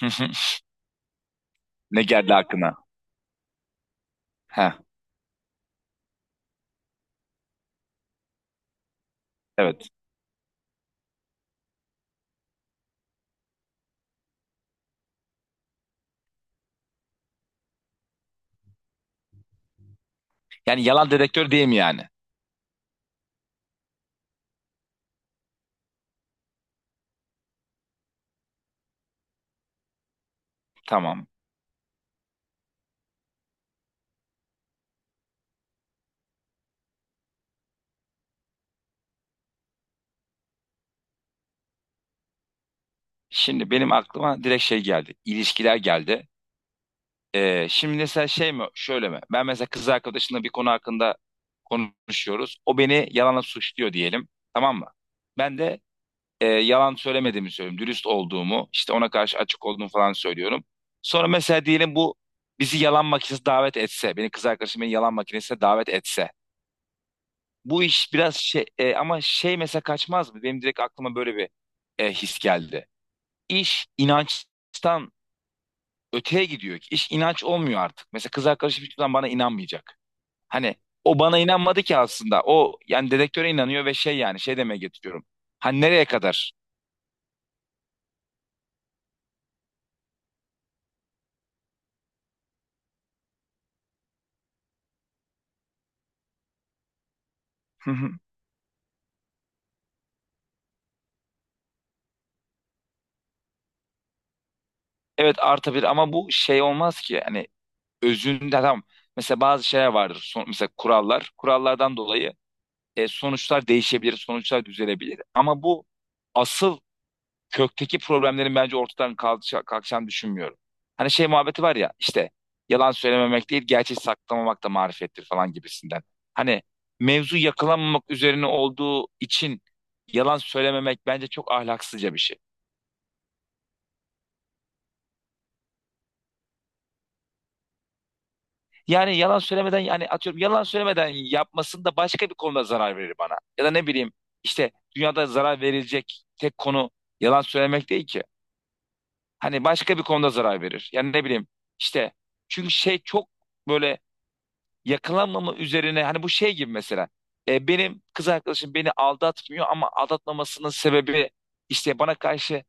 Hı hı. Ne geldi aklına? Ha, evet. Yani yalan dedektör değil mi yani? Tamam. Şimdi benim aklıma direkt şey geldi. İlişkiler geldi. Şimdi mesela şey mi, şöyle mi? Ben mesela kız arkadaşımla bir konu hakkında konuşuyoruz. O beni yalanla suçluyor diyelim. Tamam mı? Ben de yalan söylemediğimi söylüyorum. Dürüst olduğumu, işte ona karşı açık olduğumu falan söylüyorum. Sonra mesela diyelim bu bizi yalan makinesine davet etse, beni kız arkadaşım beni yalan makinesine davet etse. Bu iş biraz şey ama şey mesela kaçmaz mı? Benim direkt aklıma böyle bir his geldi. İş inançtan öteye gidiyor ki. İş inanç olmuyor artık. Mesela kız arkadaşım hiçbir zaman bana inanmayacak. Hani o bana inanmadı ki aslında. O yani dedektöre inanıyor ve şey yani şey demeye getiriyorum. Hani nereye kadar? Hı hı. Evet artabilir ama bu şey olmaz ki. Hani özünde tamam. Mesela bazı şeyler vardır. Son, mesela kurallar. Kurallardan dolayı sonuçlar değişebilir, sonuçlar düzelebilir. Ama bu asıl kökteki problemlerin bence ortadan kalkacağını düşünmüyorum. Hani şey muhabbeti var ya, işte yalan söylememek değil gerçeği saklamamak da marifettir falan gibisinden. Hani mevzu yakalanmamak üzerine olduğu için yalan söylememek bence çok ahlaksızca bir şey. Yani yalan söylemeden, yani atıyorum yalan söylemeden yapmasın da başka bir konuda zarar verir bana. Ya da ne bileyim, işte dünyada zarar verilecek tek konu yalan söylemek değil ki. Hani başka bir konuda zarar verir. Yani ne bileyim, işte çünkü şey çok böyle yakalanmama üzerine, hani bu şey gibi mesela, benim kız arkadaşım beni aldatmıyor ama aldatmamasının sebebi işte bana karşı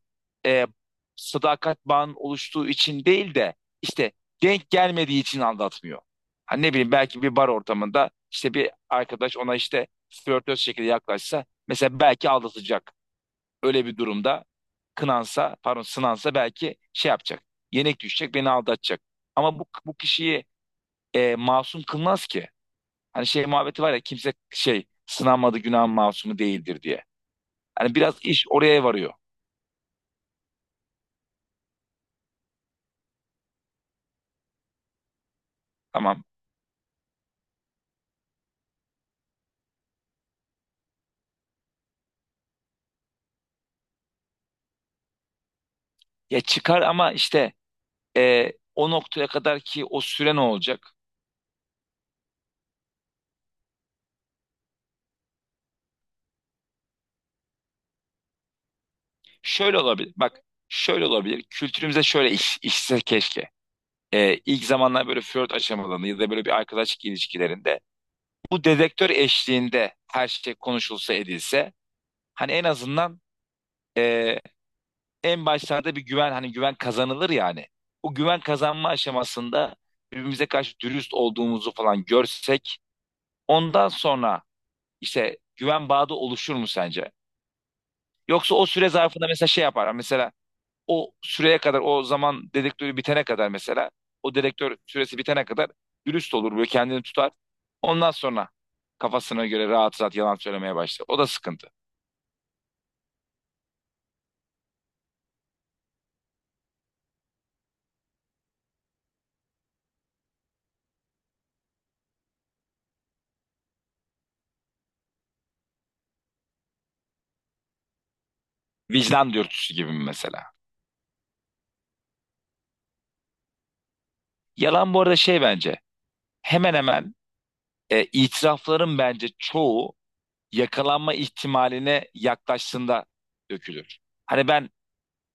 e, sadakat bağının oluştuğu için değil de, işte denk gelmediği için aldatmıyor. Hani ne bileyim, belki bir bar ortamında işte bir arkadaş ona işte flörtöz şekilde yaklaşsa mesela belki aldatacak. Öyle bir durumda kınansa, pardon, sınansa belki şey yapacak. Yenik düşecek, beni aldatacak. Ama bu kişiyi masum kılmaz ki. Hani şey muhabbeti var ya, kimse şey sınanmadı günah masumu değildir diye. Hani biraz iş oraya varıyor. Tamam. Ya çıkar ama işte, o noktaya kadar ki o süre ne olacak? Şöyle olabilir. Bak şöyle olabilir. Kültürümüze şöyle işse keşke. İlk zamanlar böyle flört aşamalarında ya da böyle bir arkadaşlık ilişkilerinde bu dedektör eşliğinde her şey konuşulsa edilse hani en azından e, en başlarda bir güven, hani güven kazanılır yani. O güven kazanma aşamasında birbirimize karşı dürüst olduğumuzu falan görsek ondan sonra işte güven bağı da oluşur mu sence? Yoksa o süre zarfında mesela şey yapar. Mesela o süreye kadar, o zaman dedektörü bitene kadar mesela, o dedektör süresi bitene kadar dürüst olur, böyle kendini tutar. Ondan sonra kafasına göre rahat rahat yalan söylemeye başlar. O da sıkıntı. Vicdan dürtüsü gibi mi mesela? Yalan bu arada şey bence hemen hemen, itirafların bence çoğu yakalanma ihtimaline yaklaştığında dökülür. Hani ben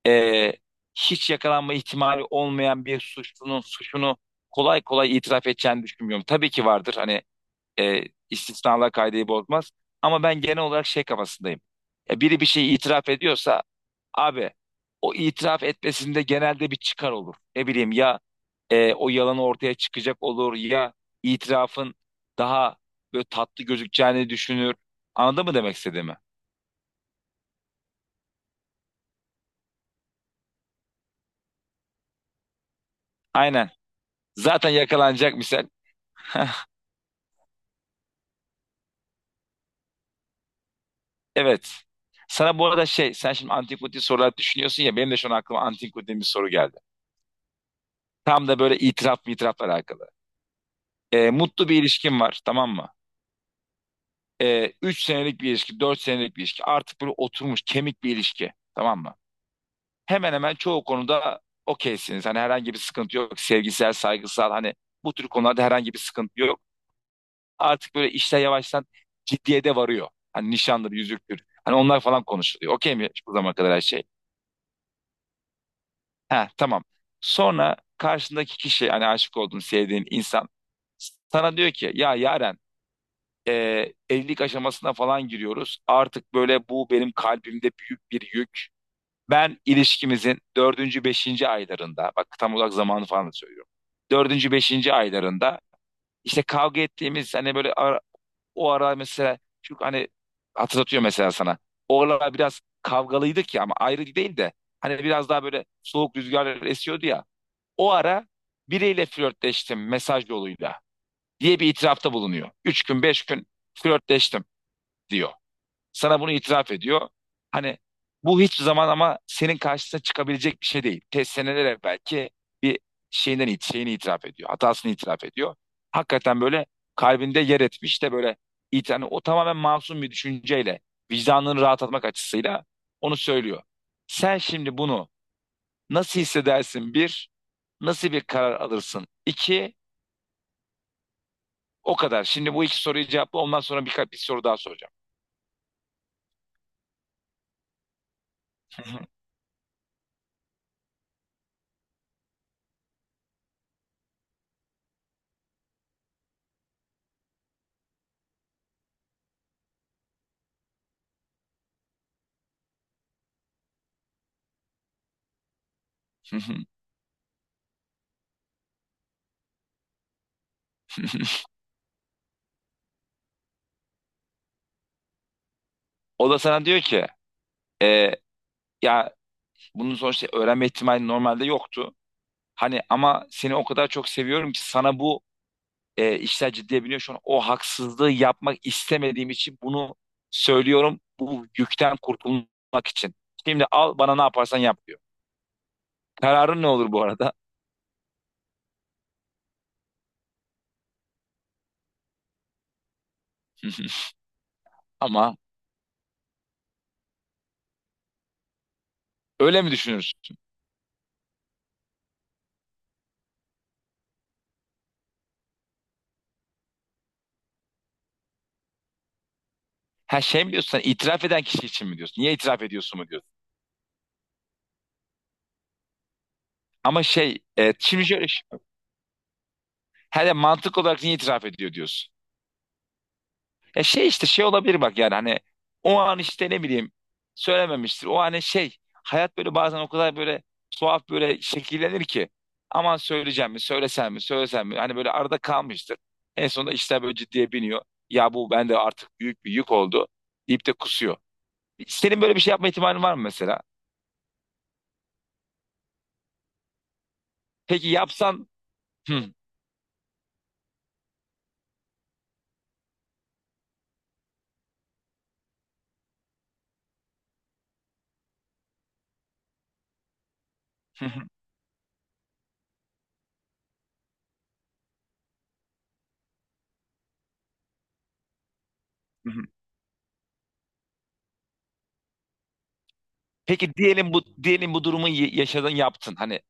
e, hiç yakalanma ihtimali olmayan bir suçlunun suçunu kolay kolay itiraf edeceğini düşünmüyorum. Tabii ki vardır, hani e, istisnalar kaideyi bozmaz, ama ben genel olarak şey kafasındayım. Ya biri bir şeyi itiraf ediyorsa, abi, o itiraf etmesinde genelde bir çıkar olur. Ne bileyim ya, o yalanı ortaya çıkacak olur ya, itirafın daha böyle tatlı gözükeceğini düşünür. Anladın mı demek istediğimi? Aynen. Zaten yakalanacak misal. Evet. Sana bu arada şey, sen şimdi antipatik sorular düşünüyorsun ya, benim de şu an aklıma antipatik bir soru geldi. Tam da böyle itirafla alakalı. Mutlu bir ilişkin var, tamam mı? 3 senelik bir ilişki, 4 senelik bir ilişki. Artık böyle oturmuş, kemik bir ilişki. Tamam mı? Hemen hemen çoğu konuda okeysiniz. Hani herhangi bir sıkıntı yok. Sevgisel, saygısal, hani bu tür konularda herhangi bir sıkıntı yok. Artık böyle işler yavaştan ciddiye de varıyor. Hani nişandır, yüzüktür. Hani onlar falan konuşuluyor. Okey mi bu zamana kadar her şey? Ha, tamam. Sonra karşındaki kişi, hani aşık olduğun, sevdiğin insan sana diyor ki, ya Yaren, e, evlilik aşamasına falan giriyoruz. Artık böyle bu benim kalbimde büyük bir yük. Ben ilişkimizin dördüncü, beşinci aylarında, bak tam olarak zamanı falan da söylüyorum. Dördüncü, beşinci aylarında, işte kavga ettiğimiz hani böyle o ara mesela, çünkü hani hatırlatıyor mesela sana. O aralar biraz kavgalıydık ya, ama ayrı değil de, hani biraz daha böyle soğuk rüzgarlar esiyordu ya. O ara biriyle flörtleştim mesaj yoluyla, diye bir itirafta bulunuyor. 3 gün, 5 gün flörtleştim, diyor. Sana bunu itiraf ediyor. Hani bu hiçbir zaman ama senin karşısına çıkabilecek bir şey değil. Te seneler evvelki belki bir şeyini itiraf ediyor. Hatasını itiraf ediyor. Hakikaten böyle kalbinde yer etmiş de, böyle hani o tamamen masum bir düşünceyle, vicdanını rahatlatmak açısıyla onu söylüyor. Sen şimdi bunu nasıl hissedersin? Bir, nasıl bir karar alırsın? İki, o kadar. Şimdi bu iki soruyu cevapla. Ondan sonra birkaç bir soru daha soracağım. O da sana diyor ki, e, ya bunun sonuçta öğrenme ihtimali normalde yoktu. Hani ama seni o kadar çok seviyorum ki, sana bu, işler ciddiye biniyor. Şu an o haksızlığı yapmak istemediğim için bunu söylüyorum. Bu yükten kurtulmak için. Şimdi al, bana ne yaparsan yap, diyor. Kararın ne olur bu arada? Ama öyle mi düşünürsün? Ha, şey mi diyorsun, sen itiraf eden kişi için mi diyorsun? Niye itiraf ediyorsun mu diyorsun? Ama şey şimdi şöyle, hele mantık olarak niye itiraf ediyor diyorsun? Ya şey işte şey olabilir, bak yani hani o an işte ne bileyim söylememiştir. O hani şey, hayat böyle bazen o kadar böyle tuhaf böyle şekillenir ki aman söyleyeceğim mi, söylesem mi söylesem mi, hani böyle arada kalmıştır. En sonunda işler böyle ciddiye biniyor. Ya bu bende artık büyük bir yük oldu, deyip de kusuyor. Senin böyle bir şey yapma ihtimalin var mı mesela? Peki yapsan. Hı, hı, hı, hı. Peki diyelim bu, diyelim bu durumu yaşadın, yaptın, hani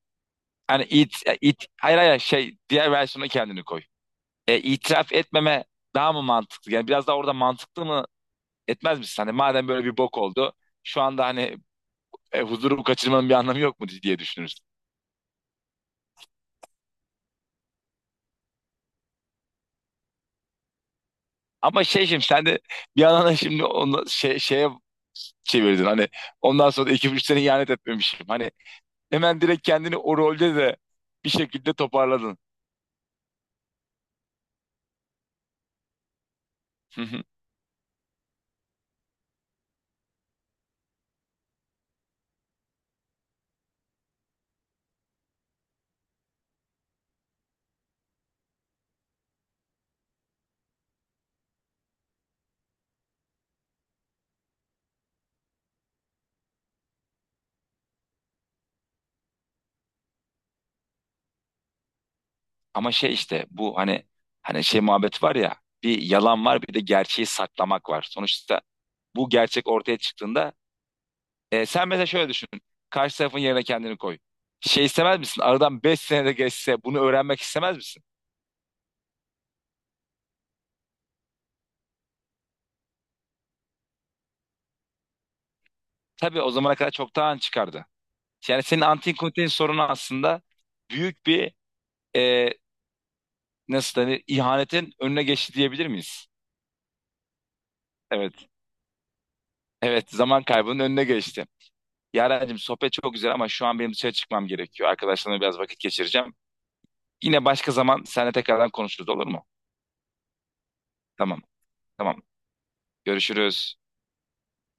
hani it it hayır, hayır, şey diğer versiyona kendini koy. İtiraf etmeme daha mı mantıklı? Yani biraz daha orada mantıklı mı, etmez misin? Hani madem böyle bir bok oldu şu anda, hani huzurumu kaçırmanın bir anlamı yok mu diye düşünürsün. Ama şey şimdi sen de bir yandan da şimdi onu şey, şeye çevirdin. Hani ondan sonra da iki üç sene ihanet etmemişim. Hani hemen direkt kendini o rolde de bir şekilde toparladın. Hı hı. Ama şey işte bu hani, şey muhabbet var ya, bir yalan var bir de gerçeği saklamak var. Sonuçta bu gerçek ortaya çıktığında. Sen mesela şöyle düşün. Karşı tarafın yerine kendini koy. Şey istemez misin? Aradan 5 senede geçse bunu öğrenmek istemez misin? Tabii o zamana kadar çoktan çıkardı. Yani senin antin kontin sorunu aslında büyük bir, e, nasıl denir, ihanetin önüne geçti diyebilir miyiz? Evet. Evet, zaman kaybının önüne geçti. Yarencim sohbet çok güzel ama şu an benim dışarı çıkmam gerekiyor. Arkadaşlarımla biraz vakit geçireceğim. Yine başka zaman seninle tekrardan konuşuruz, olur mu? Tamam. Tamam. Görüşürüz.